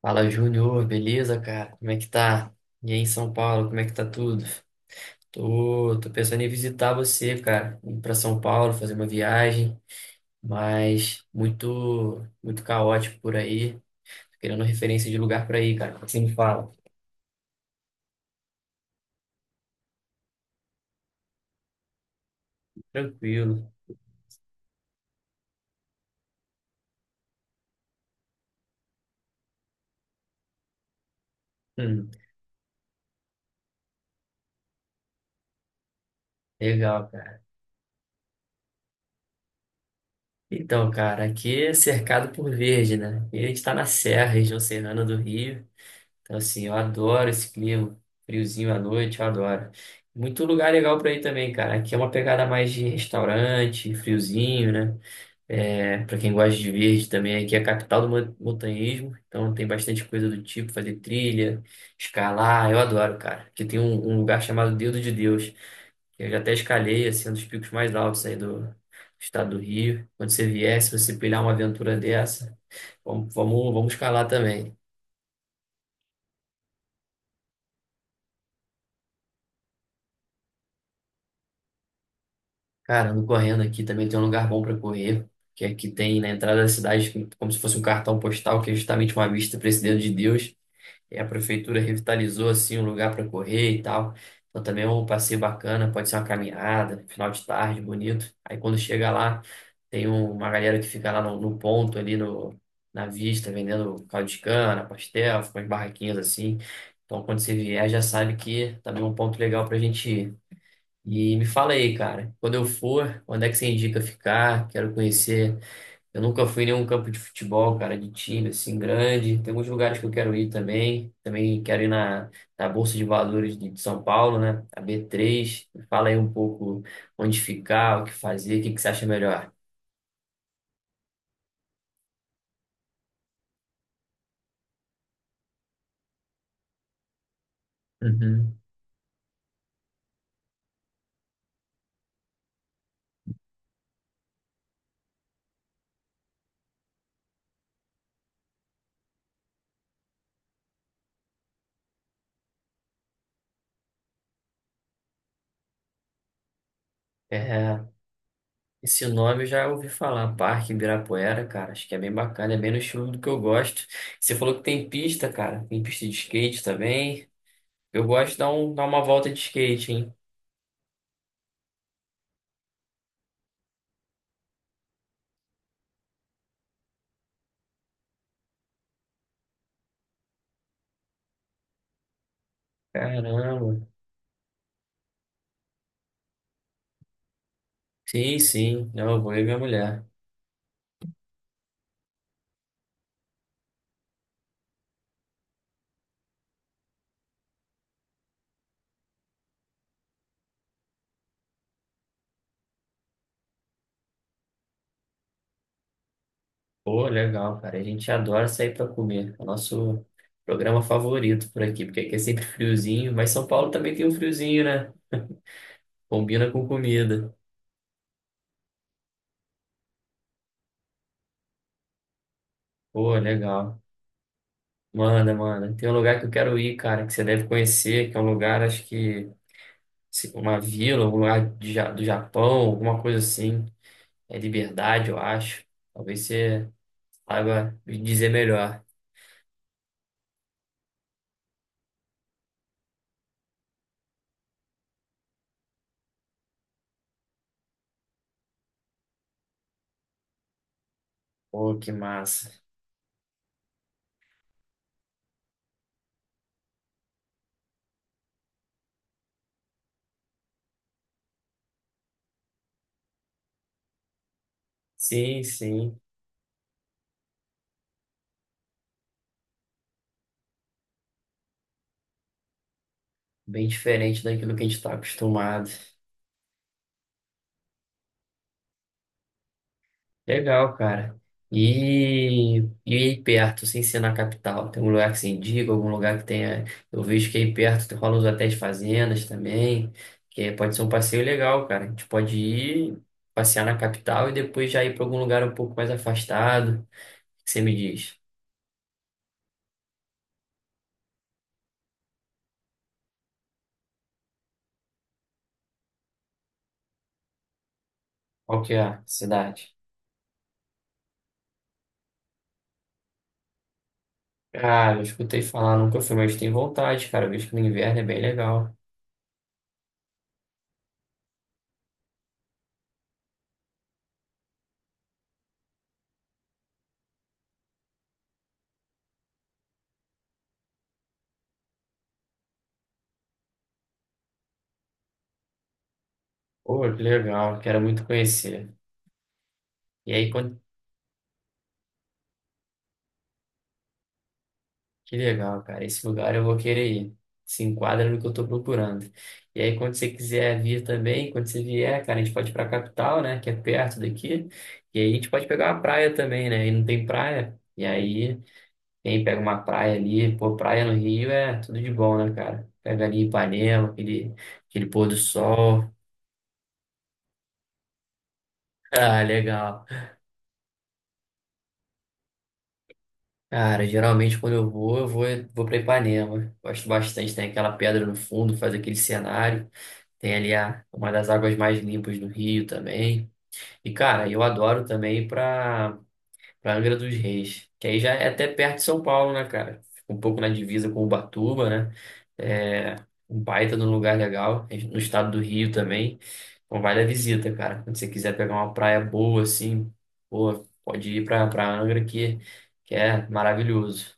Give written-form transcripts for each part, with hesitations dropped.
Fala, Júnior, beleza, cara? Como é que tá? E aí, em São Paulo, como é que tá tudo? Tô pensando em visitar você, cara, ir pra São Paulo, fazer uma viagem, mas muito, muito caótico por aí. Tô querendo referência de lugar pra ir, cara. O que você me fala. Tranquilo. Hum, legal, cara. Então, cara, aqui é cercado por verde, né? E a gente tá na Serra, região serrana do Rio. Então, assim, eu adoro esse clima, friozinho à noite, eu adoro. Muito lugar legal para ir também, cara. Aqui é uma pegada mais de restaurante, friozinho, né? É, para quem gosta de verde também, aqui é a capital do montanhismo, então tem bastante coisa do tipo, fazer trilha, escalar, eu adoro, cara. Aqui tem um lugar chamado Dedo de Deus, que eu já até escalei, assim, um dos picos mais altos aí do estado do Rio. Quando você vier, se você pilhar uma aventura dessa, vamos, vamos, vamos escalar também. Cara, ando correndo aqui também tem um lugar bom para correr, que aqui tem na entrada da cidade, como se fosse um cartão postal, que é justamente uma vista para esse Dedo de Deus. E a prefeitura revitalizou assim um lugar para correr e tal. Então também é um passeio bacana, pode ser uma caminhada, final de tarde, bonito. Aí quando chega lá, tem uma galera que fica lá no, no ponto ali no, na vista, vendendo caldo de cana, pastel, umas barraquinhas assim. Então quando você vier, já sabe que também é um ponto legal para a gente ir. E me fala aí, cara, quando eu for, onde é que você indica ficar? Quero conhecer. Eu nunca fui em nenhum campo de futebol, cara, de time assim grande. Tem alguns lugares que eu quero ir também. Também quero ir na Bolsa de Valores de São Paulo, né? A B3. Me fala aí um pouco onde ficar, o que fazer, o que que você acha melhor. Uhum. É, esse nome eu já ouvi falar, Parque Ibirapuera, cara. Acho que é bem bacana, é bem no estilo do que eu gosto. Você falou que tem pista, cara. Tem pista de skate também. Eu gosto de dar, dar uma volta de skate, hein? Caramba. Sim, sim. Não, eu vou e minha mulher. Pô, legal, cara. A gente adora sair pra comer. É o nosso programa favorito por aqui, porque aqui é sempre friozinho, mas São Paulo também tem um friozinho, né? Combina com comida. Pô, legal. Manda, manda. Tem um lugar que eu quero ir, cara, que você deve conhecer, que é um lugar, acho que uma vila, um lugar de do Japão, alguma coisa assim. É Liberdade, eu acho. Talvez você saiba me dizer melhor. Pô, que massa. Sim, sim. Bem diferente daquilo que a gente está acostumado. Legal, cara. E, e aí perto, sem ser na capital, tem um lugar que se indica, algum lugar que tenha. Eu vejo que aí perto rola uns hotéis fazendas também, pode ser um passeio legal, cara. A gente pode ir passear na capital e depois já ir para algum lugar um pouco mais afastado. O que você me diz? Qual que é a cidade? Cara, eu escutei falar, nunca fui, mas tenho vontade, cara. Eu vejo que no inverno é bem legal. Pô, que legal, quero muito conhecer. E aí, quando... Que legal, cara, esse lugar eu vou querer ir. Se enquadra no que eu tô procurando. E aí, quando você quiser vir também, quando você vier, cara, a gente pode ir pra capital, né, que é perto daqui. E aí, a gente pode pegar uma praia também, né, e não tem praia. E aí, quem pega uma praia ali, pô, praia no Rio é tudo de bom, né, cara? Pega ali Ipanema, aquele, aquele pôr do sol. Ah, legal. Cara, geralmente quando eu vou, vou pra Ipanema. Gosto bastante, tem aquela pedra no fundo, faz aquele cenário. Tem ali a, uma das águas mais limpas do Rio também. E, cara, eu adoro também ir para pra Angra dos Reis, que aí já é até perto de São Paulo, né, cara? Fica um pouco na divisa com Ubatuba, né? É um baita de um lugar legal, no estado do Rio também. Então vale a visita, cara. Quando você quiser pegar uma praia boa, assim, pô, pode ir para Angra que é maravilhoso.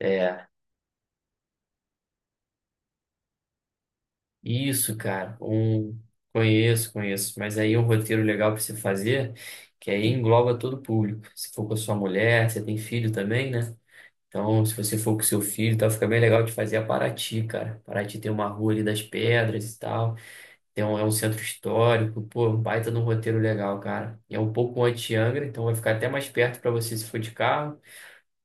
É, isso, cara. Um, conheço, conheço. Mas aí é um roteiro legal para você fazer, que aí engloba todo o público. Se for com a sua mulher, você tem filho também, né? Então, se você for com seu filho, tá, fica bem legal de fazer a Paraty, cara. Paraty tem uma rua ali das pedras e tal. Tem um, é um centro histórico. Pô, um baita de um roteiro legal, cara. E é um pouco anti-Angra, então vai ficar até mais perto para você se for de carro.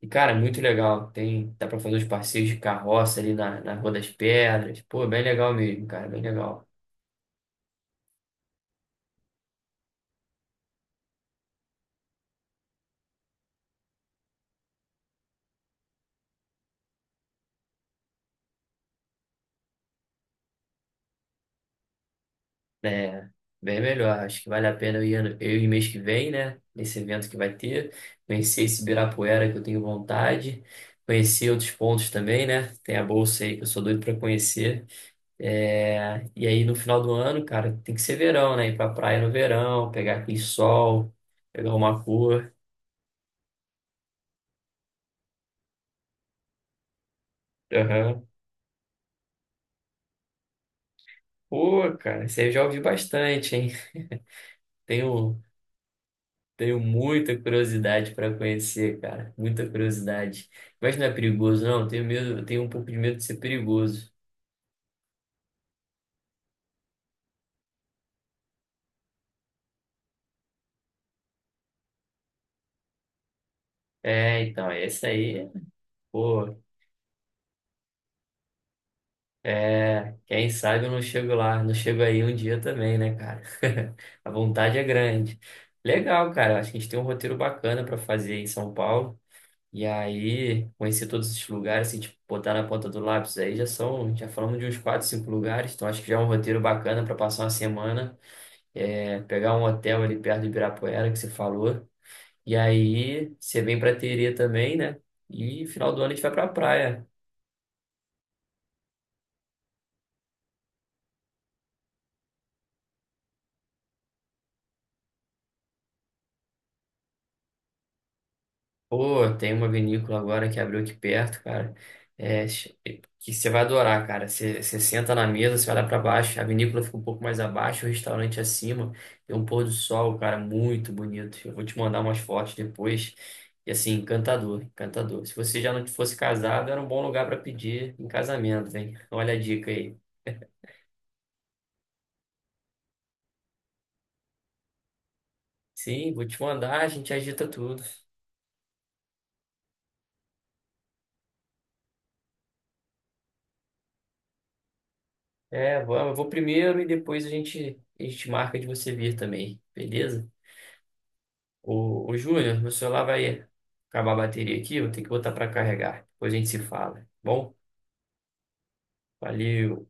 E, cara, é muito legal. Tem, dá pra fazer os passeios de carroça ali na Rua das Pedras. Pô, bem legal mesmo, cara, bem legal. É, bem melhor. Acho que vale a pena eu ir, eu ir mês que vem, né? Nesse evento que vai ter. Conhecer esse Ibirapuera que eu tenho vontade. Conhecer outros pontos também, né? Tem a Bolsa aí que eu sou doido pra conhecer. É, e aí, no final do ano, cara, tem que ser verão, né? Ir pra praia no verão, pegar aquele sol, pegar uma cor. Aham. Pô, cara, você já ouviu bastante, hein? Tenho, tenho muita curiosidade para conhecer, cara. Muita curiosidade. Mas não é perigoso, não. Tenho medo, eu tenho um pouco de medo de ser perigoso. É, então, esse aí, pô, é, quem sabe eu não chego lá, não chego aí um dia também, né, cara? A vontade é grande. Legal, cara. Acho que a gente tem um roteiro bacana para fazer em São Paulo. E aí, conhecer todos esses lugares, assim, tipo, botar na ponta do lápis aí, já são, já falamos de uns quatro, cinco lugares, então acho que já é um roteiro bacana para passar uma semana. É, pegar um hotel ali perto de Ibirapuera, que você falou. E aí você vem pra Terê também, né? E final do ano a gente vai pra praia. Pô, tem uma vinícola agora que abriu aqui perto, cara. É, que você vai adorar, cara. Você, você senta na mesa, você olha pra baixo, a vinícola fica um pouco mais abaixo, o restaurante acima. Tem um pôr do sol, cara, muito bonito. Eu vou te mandar umas fotos depois. E assim, encantador, encantador. Se você já não fosse casado, era um bom lugar pra pedir em casamento, hein? Olha a dica aí. Sim, vou te mandar, a gente agita tudo. É, vamos, eu vou primeiro e depois a gente marca de você vir também, beleza? Ô, Júnior, meu celular vai acabar a bateria aqui, vou ter que botar para carregar. Depois a gente se fala, tá bom? Valeu.